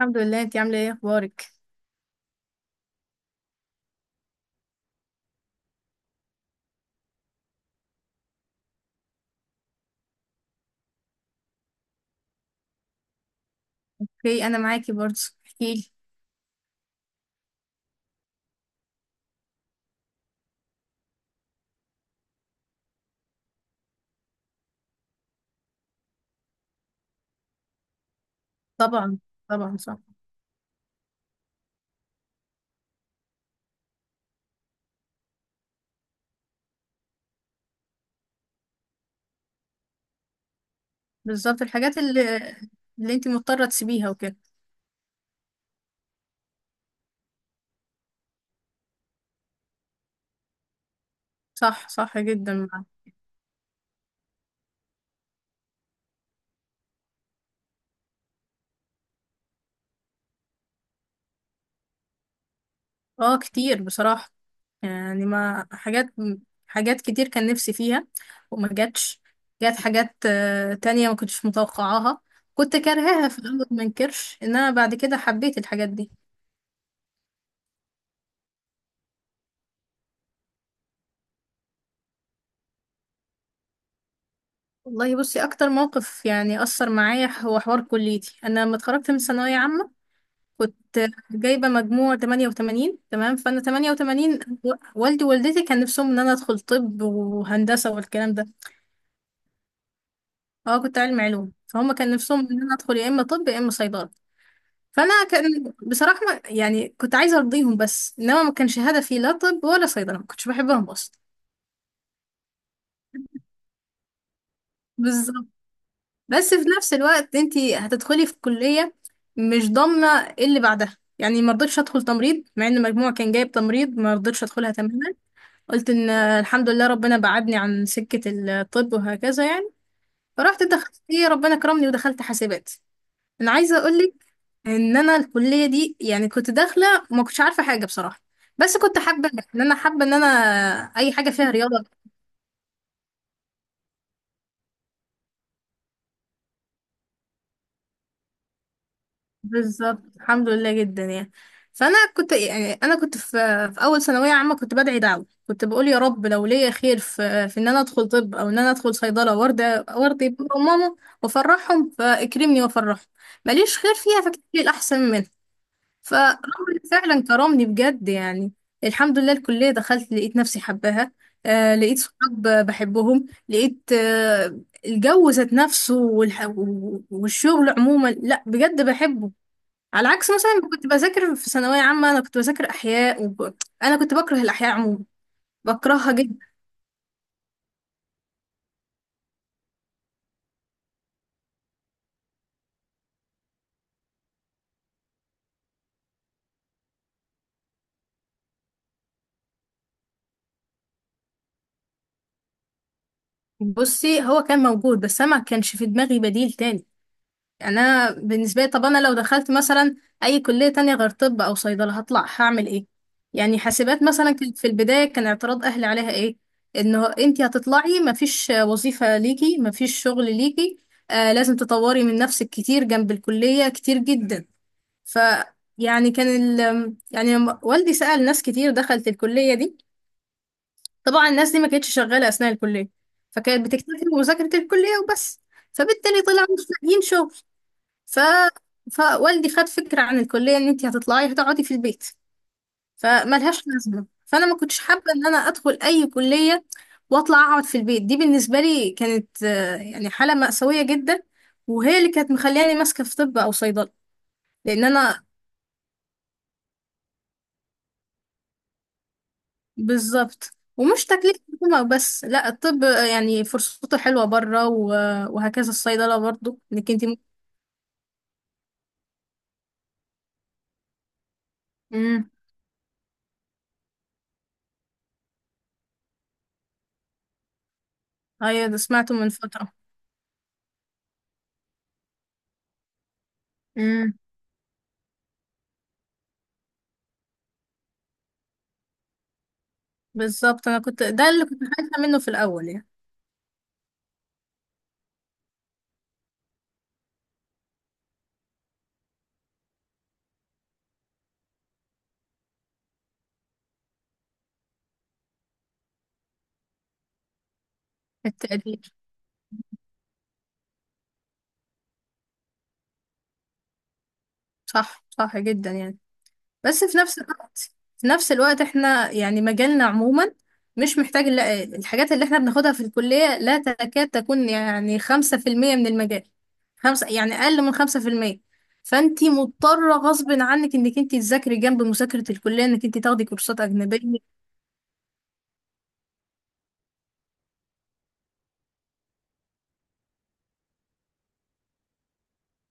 الحمد لله، انت عامله ايه؟ اخبارك؟ في، انا معاكي برضه. احكيلي. طبعا، طبعا، صح. بالظبط، الحاجات اللي انت مضطره تسيبيها وكده. صح، صح جدا معاك. اه، كتير بصراحه. يعني، ما حاجات، حاجات كتير كان نفسي فيها وما جاتش. جات حاجات تانية ما كنتش متوقعاها. كنت كارهاها في الاول، ما انكرش ان انا بعد كده حبيت الحاجات دي. والله، بصي، اكتر موقف يعني اثر معايا هو حوار كليتي. انا لما اتخرجت من ثانويه عامه كنت جايبة مجموع 88، تمام. فأنا 88، والدي ووالدتي كان نفسهم إن أنا أدخل طب وهندسة والكلام ده. أه، كنت علم علوم، فهم كان نفسهم إن أنا أدخل يا إما طب يا إما صيدلة. فأنا كان بصراحة يعني كنت عايزة أرضيهم، بس إنما ما كانش هدفي لا طب ولا صيدلة، ما كنتش بحبهم أصلا. بالظبط. بس في نفس الوقت أنتي هتدخلي في كلية مش ضامنة إيه اللي بعدها. يعني ما رضيتش أدخل تمريض، مع إن مجموع كان جايب تمريض ما رضيتش أدخلها تماما. قلت ان الحمد لله ربنا بعدني عن سكة الطب وهكذا يعني. فرحت دخلت، ربنا كرمني ودخلت حاسبات. انا عايزة اقولك ان انا الكلية دي يعني كنت داخلة، ما كنتش عارفة حاجة بصراحة، بس كنت حابة ان انا، اي حاجة فيها رياضة. بالظبط، الحمد لله جدا يعني. فانا كنت يعني انا كنت في اول ثانويه عامه كنت بدعي دعوه. كنت بقول يا رب، لو ليا خير في ان انا ادخل طب او ان انا ادخل صيدله، وارضى، وارضي بابا وماما وافرحهم، فاكرمني وافرحهم. ماليش خير فيها، فاكتب لي الاحسن منها. فربنا فعلا كرمني بجد يعني، الحمد لله. الكليه دخلت، لقيت نفسي حباها. لقيت صحاب بحبهم، لقيت الجو ذات نفسه والشغل عموما، لا بجد بحبه. على عكس مثلا ما كنت بذاكر في ثانوية عامة، أنا كنت بذاكر أحياء أنا كنت بكره الأحياء عموما، بكرهها جدا. بصي، هو كان موجود، بس أنا ما كانش في دماغي بديل تاني. يعني أنا بالنسبة لي طب، أنا لو دخلت مثلا أي كلية تانية غير طب أو صيدلة هطلع هعمل إيه؟ يعني حاسبات مثلا كانت في البداية، كان اعتراض أهلي عليها إيه؟ إنه أنتي هتطلعي مفيش وظيفة ليكي، مفيش شغل ليكي. آه، لازم تطوري من نفسك كتير جنب الكلية، كتير جدا. ف يعني كان ال... يعني لما والدي سأل ناس كتير دخلت الكلية دي. طبعا الناس دي ما كانتش شغالة أثناء الكلية، فكانت بتكتفي بمذاكرة الكلية وبس، فبالتالي طلعوا مش لاقيين شغل. ف... فوالدي خد فكرة عن الكلية إن أنت هتطلعي هتقعدي في البيت، فملهاش لازمة. فأنا ما كنتش حابة إن أنا أدخل أي كلية وأطلع أقعد في البيت. دي بالنسبة لي كانت يعني حالة مأساوية جدا، وهي اللي كانت مخلياني ماسكة في طب أو صيدلة لأن أنا بالظبط، ومش تكليف حكومة بس، لا الطب يعني فرصته حلوة بره وهكذا، الصيدلة برضو انك انت ممكن. امم ايوه، ده سمعته من فترة. امم بالظبط، انا كنت ده اللي كنت خايفة منه في الاول يعني. التقدير، صح، صح جدا يعني. بس في نفس الوقت، احنا يعني مجالنا عموما مش محتاج الحاجات اللي احنا بناخدها في الكلية لا تكاد تكون يعني 5% من المجال، خمسة يعني أقل من 5%. فانتي مضطرة غصب عنك انك انتي تذاكري جنب مذاكرة الكلية، انك انتي تاخدي كورسات أجنبية.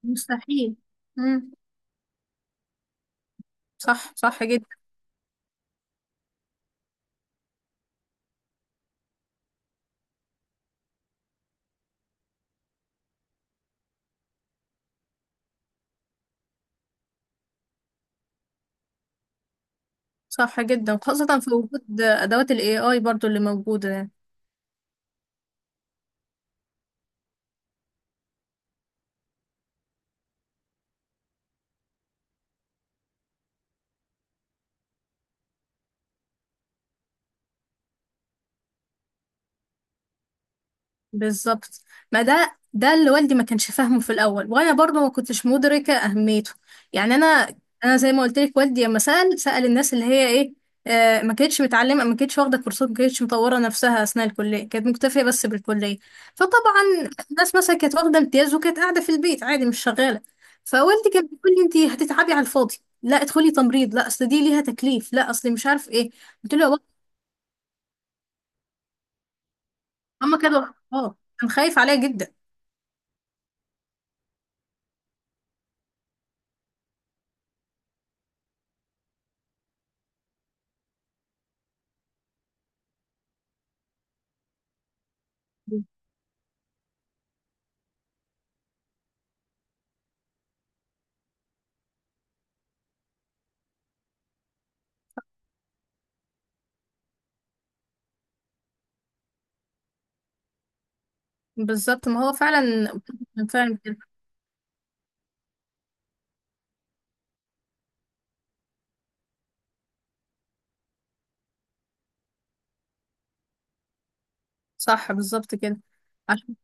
مستحيل. مم. صح، صح جدا. صح جدا، خاصة في وجود أدوات ال AI برضو اللي موجودة يعني. بالظبط، ما ده اللي والدي ما كانش فاهمه في الاول، وانا برضه ما كنتش مدركه اهميته. يعني انا، زي ما قلت لك، والدي لما سال الناس اللي هي ايه. ما كانتش متعلمه، ما كانتش واخده كورسات، ما كانتش مطوره نفسها اثناء الكليه، كانت مكتفيه بس بالكليه. فطبعا الناس مثلا كانت واخده امتياز وكانت قاعده في البيت عادي، مش شغاله. فوالدي كان بيقول لي انت هتتعبي على الفاضي، لا ادخلي تمريض، لا اصل دي ليها تكليف، لا اصل مش عارف ايه. قلت له يا بابا، هما كانوا اه، كان خايف عليا جدا. بالظبط، ما هو فعلا. فعلا كده. صح، بالظبط كده. عشان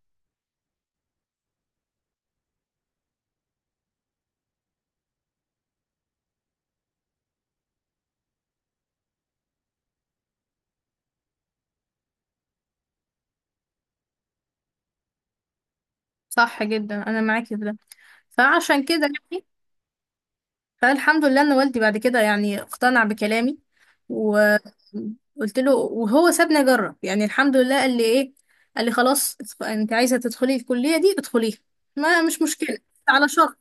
صح جدا، انا معاكي في ده. فعشان كده يعني، فالحمد لله ان والدي بعد كده يعني اقتنع بكلامي، وقلت له. وهو سابني اجرب يعني، الحمد لله. قال لي خلاص، انت عايزه تدخلي الكليه دي ادخليها، ما مش مشكله. على شرط،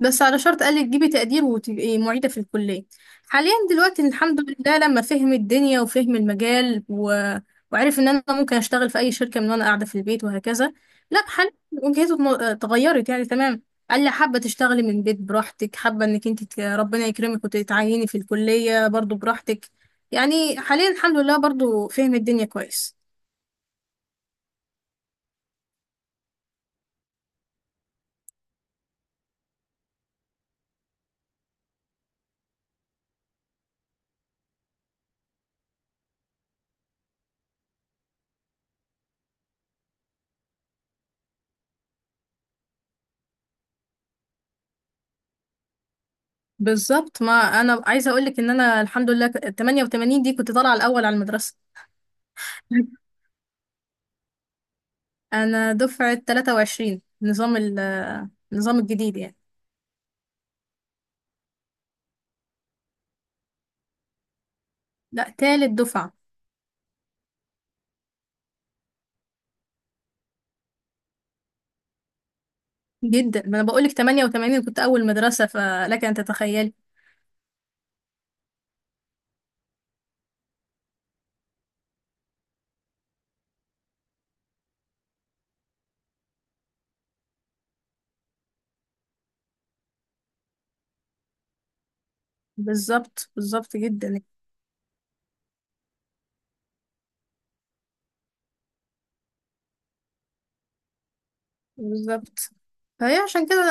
قال لي تجيبي تقدير وتبقي معيدة في الكلية. حاليا دلوقتي الحمد لله لما فهم الدنيا وفهم المجال وعرف ان انا ممكن اشتغل في اي شركة من وانا قاعدة في البيت وهكذا. لا، حاليا وجهته اتغيرت يعني، تمام. قال لي حابة تشتغلي من البيت براحتك، حابة انك انت ربنا يكرمك وتتعيني في الكلية برضو براحتك. يعني حاليا الحمد لله برضو فهم الدنيا كويس. بالظبط، ما انا عايزه اقول لك ان انا الحمد لله 88 دي كنت طالعه الاول على المدرسه. انا دفعة 23، نظام ال النظام الجديد يعني. لا، تالت دفعة. جدا، ما انا بقولك 88 كنت اول مدرسة، فلك ان تتخيلي. بالظبط، بالظبط جدا يعني. بالظبط، فهي عشان كده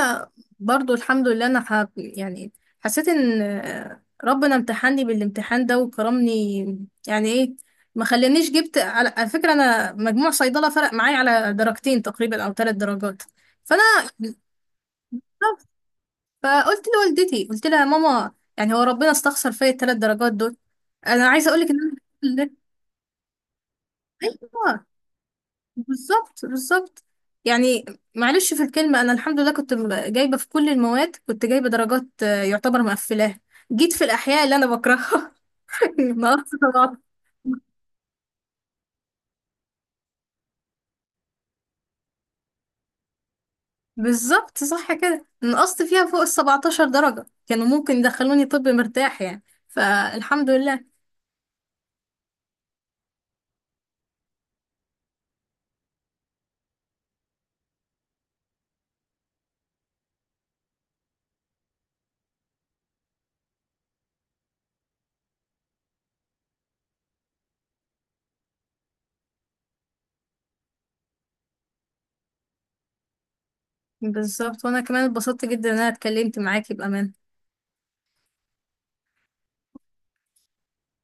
برضو الحمد لله انا يعني حسيت ان ربنا امتحني بالامتحان ده وكرمني. يعني ايه، ما خلانيش جبت. على فكرة، انا مجموع صيدلة فرق معايا على درجتين تقريبا او 3 درجات. فانا فقلت لوالدتي، قلت لها يا ماما، يعني هو ربنا استخسر فيا ال 3 درجات دول. انا عايزه اقول لك ان انا الحمد لله. ايوه، بالظبط، بالظبط يعني. معلش، في الكلمه، انا الحمد لله كنت جايبه في كل المواد، كنت جايبه درجات يعتبر مقفلاها. جيت في الاحياء اللي انا بكرهها نقصت طبعا. بالظبط صح كده، نقصت فيها فوق ال 17 درجة كانوا ممكن يدخلوني طب مرتاح يعني، فالحمد لله. بالظبط، وانا كمان اتبسطت جدا ان انا اتكلمت معاكي بأمان.